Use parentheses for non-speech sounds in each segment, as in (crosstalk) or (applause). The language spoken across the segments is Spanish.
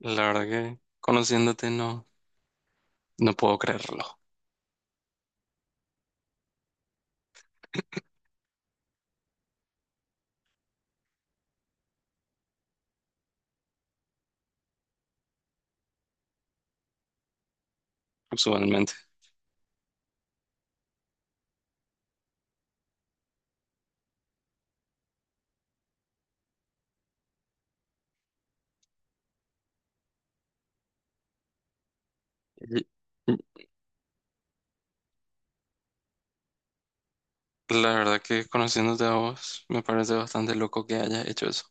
La verdad que conociéndote no, no puedo creerlo, usualmente. Y y la verdad que conociéndote a vos me parece bastante loco que hayas hecho eso.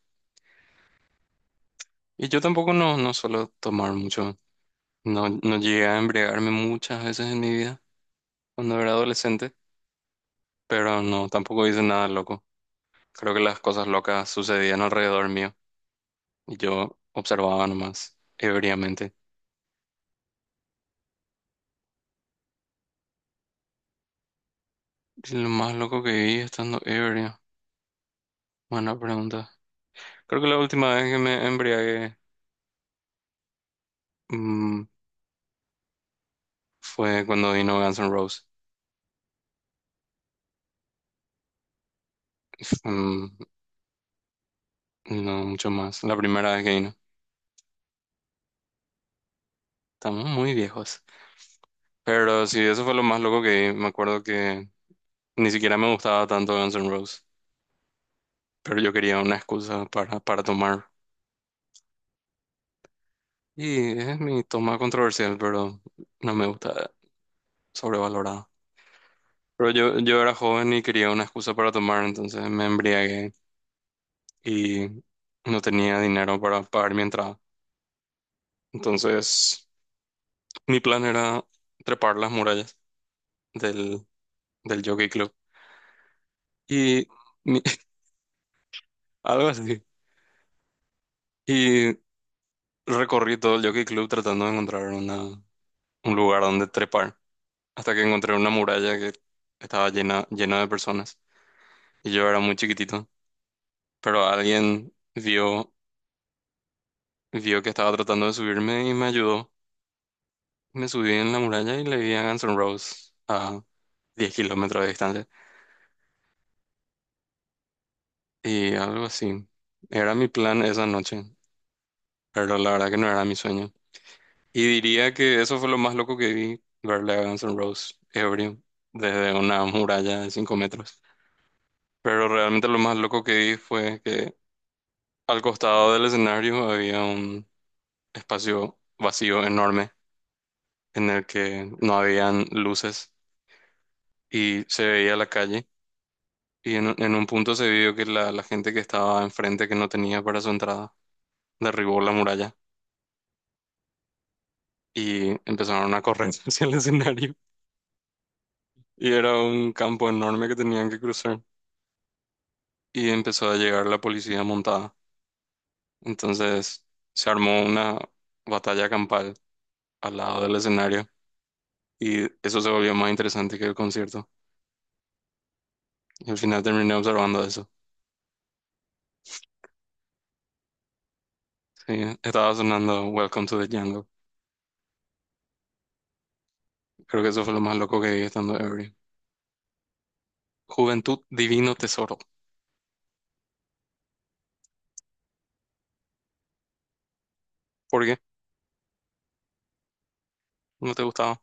Y yo tampoco no, no suelo tomar mucho, no, no llegué a embriagarme muchas veces en mi vida cuando era adolescente, pero no, tampoco hice nada loco. Creo que las cosas locas sucedían alrededor mío y yo observaba nomás ebriamente. Y lo más loco que vi estando ebrio, buena pregunta. Creo que la última vez que me embriagué mm, fue cuando vino Guns N' Roses. Mm, no mucho más. La primera vez que vino. Estamos muy viejos. Pero sí, eso fue lo más loco que vi. Me acuerdo que ni siquiera me gustaba tanto Guns N' Roses. Pero yo quería una excusa para tomar. Y es mi toma controversial, pero no me gusta, sobrevalorada. Pero yo era joven y quería una excusa para tomar, entonces me embriagué y no tenía dinero para pagar mi entrada. Entonces, mi plan era trepar las murallas del del Jockey Club. Y mi- (laughs) algo así. Y recorrí todo el Jockey Club tratando de encontrar un lugar donde trepar, hasta que encontré una muralla que estaba llena de personas. Y yo era muy chiquitito, pero vio que estaba tratando de subirme y me ayudó. Me subí en la muralla y le vi a Guns N' Roses a 10 kilómetros de distancia. Y algo así. Era mi plan esa noche, pero la verdad que no era mi sueño. Y diría que eso fue lo más loco que vi, verle a Guns N' Roses ebrio desde una muralla de 5 metros. Pero realmente lo más loco que vi fue que al costado del escenario había un espacio vacío enorme en el que no habían luces y se veía la calle. Y en un punto se vio que la gente que estaba enfrente, que no tenía para su entrada, derribó la muralla y empezaron a correr (laughs) hacia el escenario. Y era un campo enorme que tenían que cruzar, y empezó a llegar la policía montada. Entonces se armó una batalla campal al lado del escenario y eso se volvió más interesante que el concierto. Y al final terminé observando eso. Sí, estaba sonando Welcome to the Jungle. Creo que eso fue lo más loco que vi estando ebrio. Juventud, divino tesoro. ¿Por qué? ¿No te gustaba?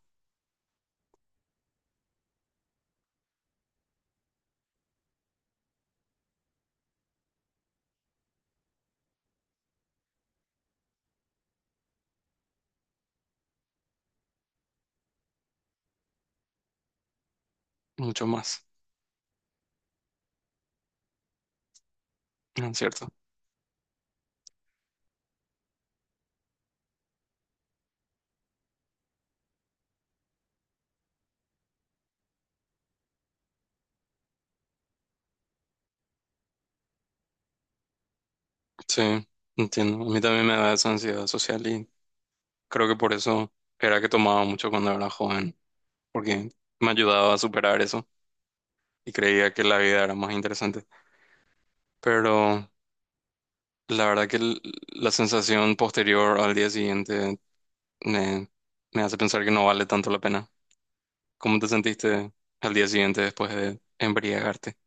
Mucho más, ¿no es cierto? Sí, entiendo. A mí también me da esa ansiedad social y creo que por eso era que tomaba mucho cuando era joven, porque me ayudaba a superar eso, y creía que la vida era más interesante. Pero la verdad que l- la sensación posterior al día siguiente me, me hace pensar que no vale tanto la pena. ¿Cómo te sentiste al día siguiente después de embriagarte?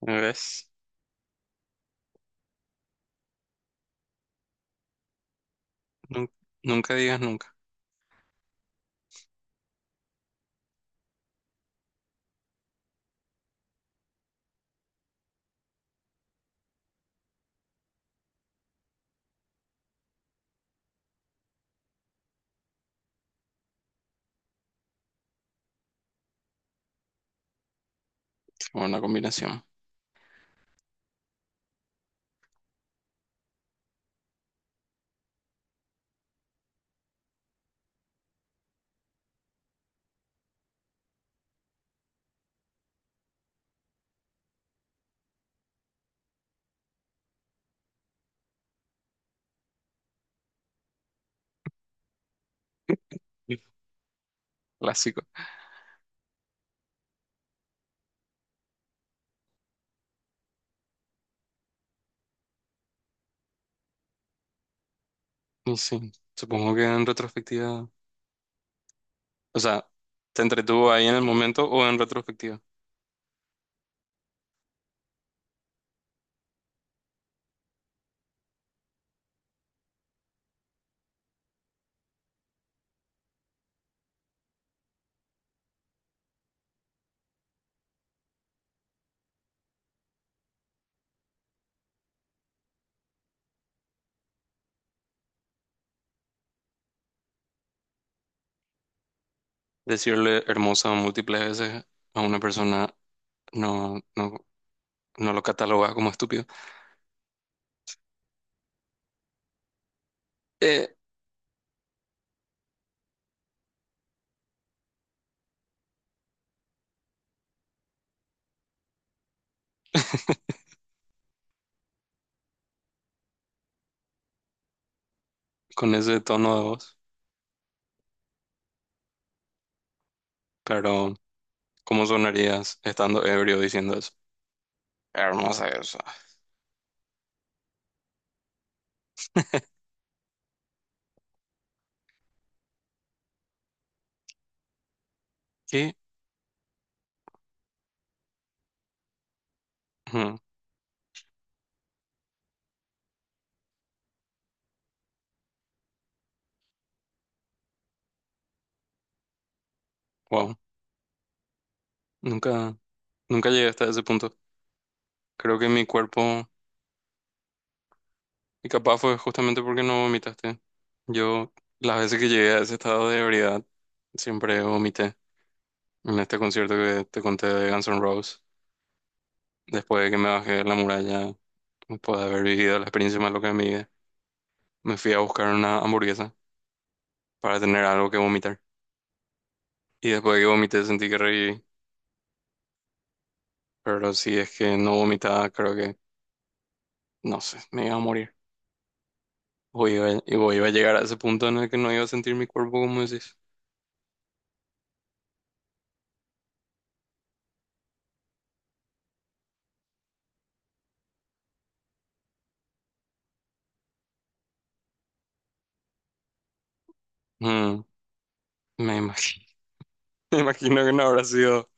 ¿Ves? Nun- Nunca, digas nunca. Buena combinación. Clásico. Y sí, supongo que en retrospectiva, o sea, ¿te entretuvo ahí en el momento o en retrospectiva? Decirle hermosa múltiples veces a una persona no, no, no lo cataloga como estúpido. Eh, con ese tono de voz, pero ¿cómo sonarías estando ebrio diciendo eso? Hermosa eso. ¿Qué? Ujú, wow, nunca, nunca llegué hasta ese punto. Creo que mi cuerpo, y capaz fue justamente porque no vomitaste. Yo, las veces que llegué a ese estado de ebriedad, siempre vomité. En este concierto que te conté de Guns N' Roses, después de que me bajé de la muralla, después de haber vivido la experiencia más loca de mi vida, me fui a buscar una hamburguesa para tener algo que vomitar. Y después de que vomité sentí que reviví. Pero si es que no vomitaba, creo que, no sé, me iba a morir. O iba, o iba a llegar a ese punto en el que no iba a sentir mi cuerpo, como decís. Mm, me imagino, (laughs) me imagino que no habrá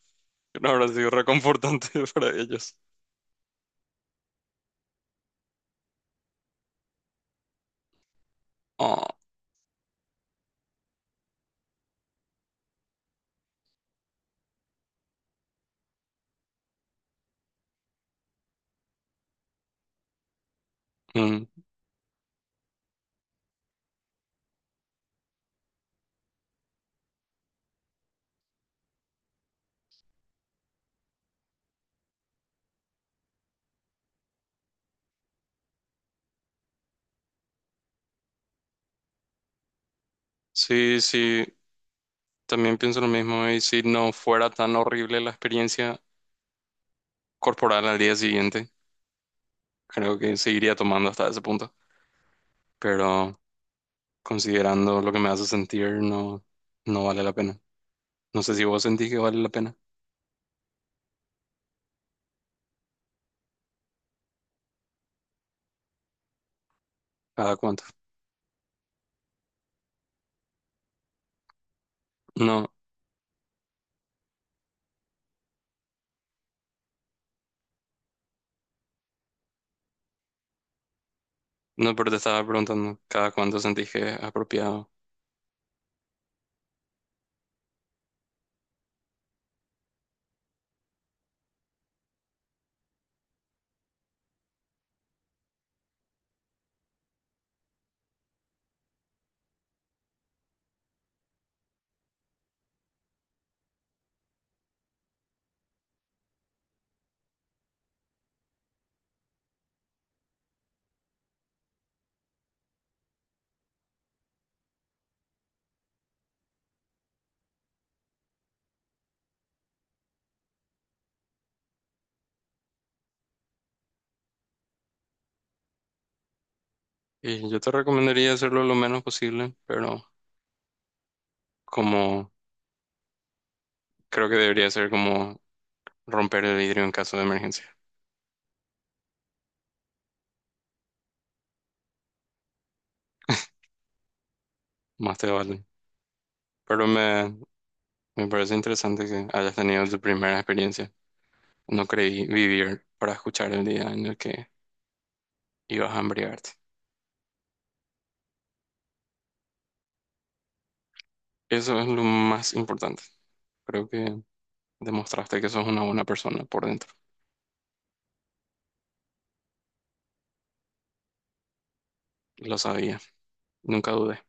que no habrá sido reconfortante (laughs) para ellos. Oh, mm. Sí, sí, también pienso lo mismo. Y si no fuera tan horrible la experiencia corporal al día siguiente, creo que seguiría tomando hasta ese punto. Pero considerando lo que me hace sentir, no, no vale la pena. No sé si vos sentís que vale la pena. ¿Cada cuánto? No, no, pero te estaba preguntando cada cuánto sentís que es apropiado. Y yo te recomendaría hacerlo lo menos posible, pero como creo que debería ser como romper el vidrio en caso de emergencia. Más te vale. Pero me parece interesante que hayas tenido tu primera experiencia. No creí vivir para escuchar el día en el que ibas a embriagarte. Eso es lo más importante. Creo que demostraste que sos una buena persona por dentro. Lo sabía. Nunca dudé.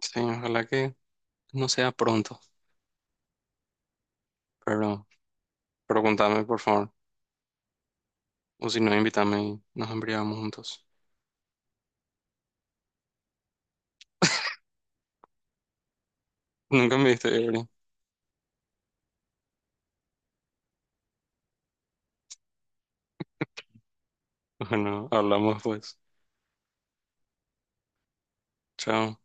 Sí, ojalá que no sea pronto, pero... Preguntame, por favor. O si no, invítame y nos embriagamos juntos. Nunca me diste, Evelyn. (laughs) Bueno, hablamos pues. Chao.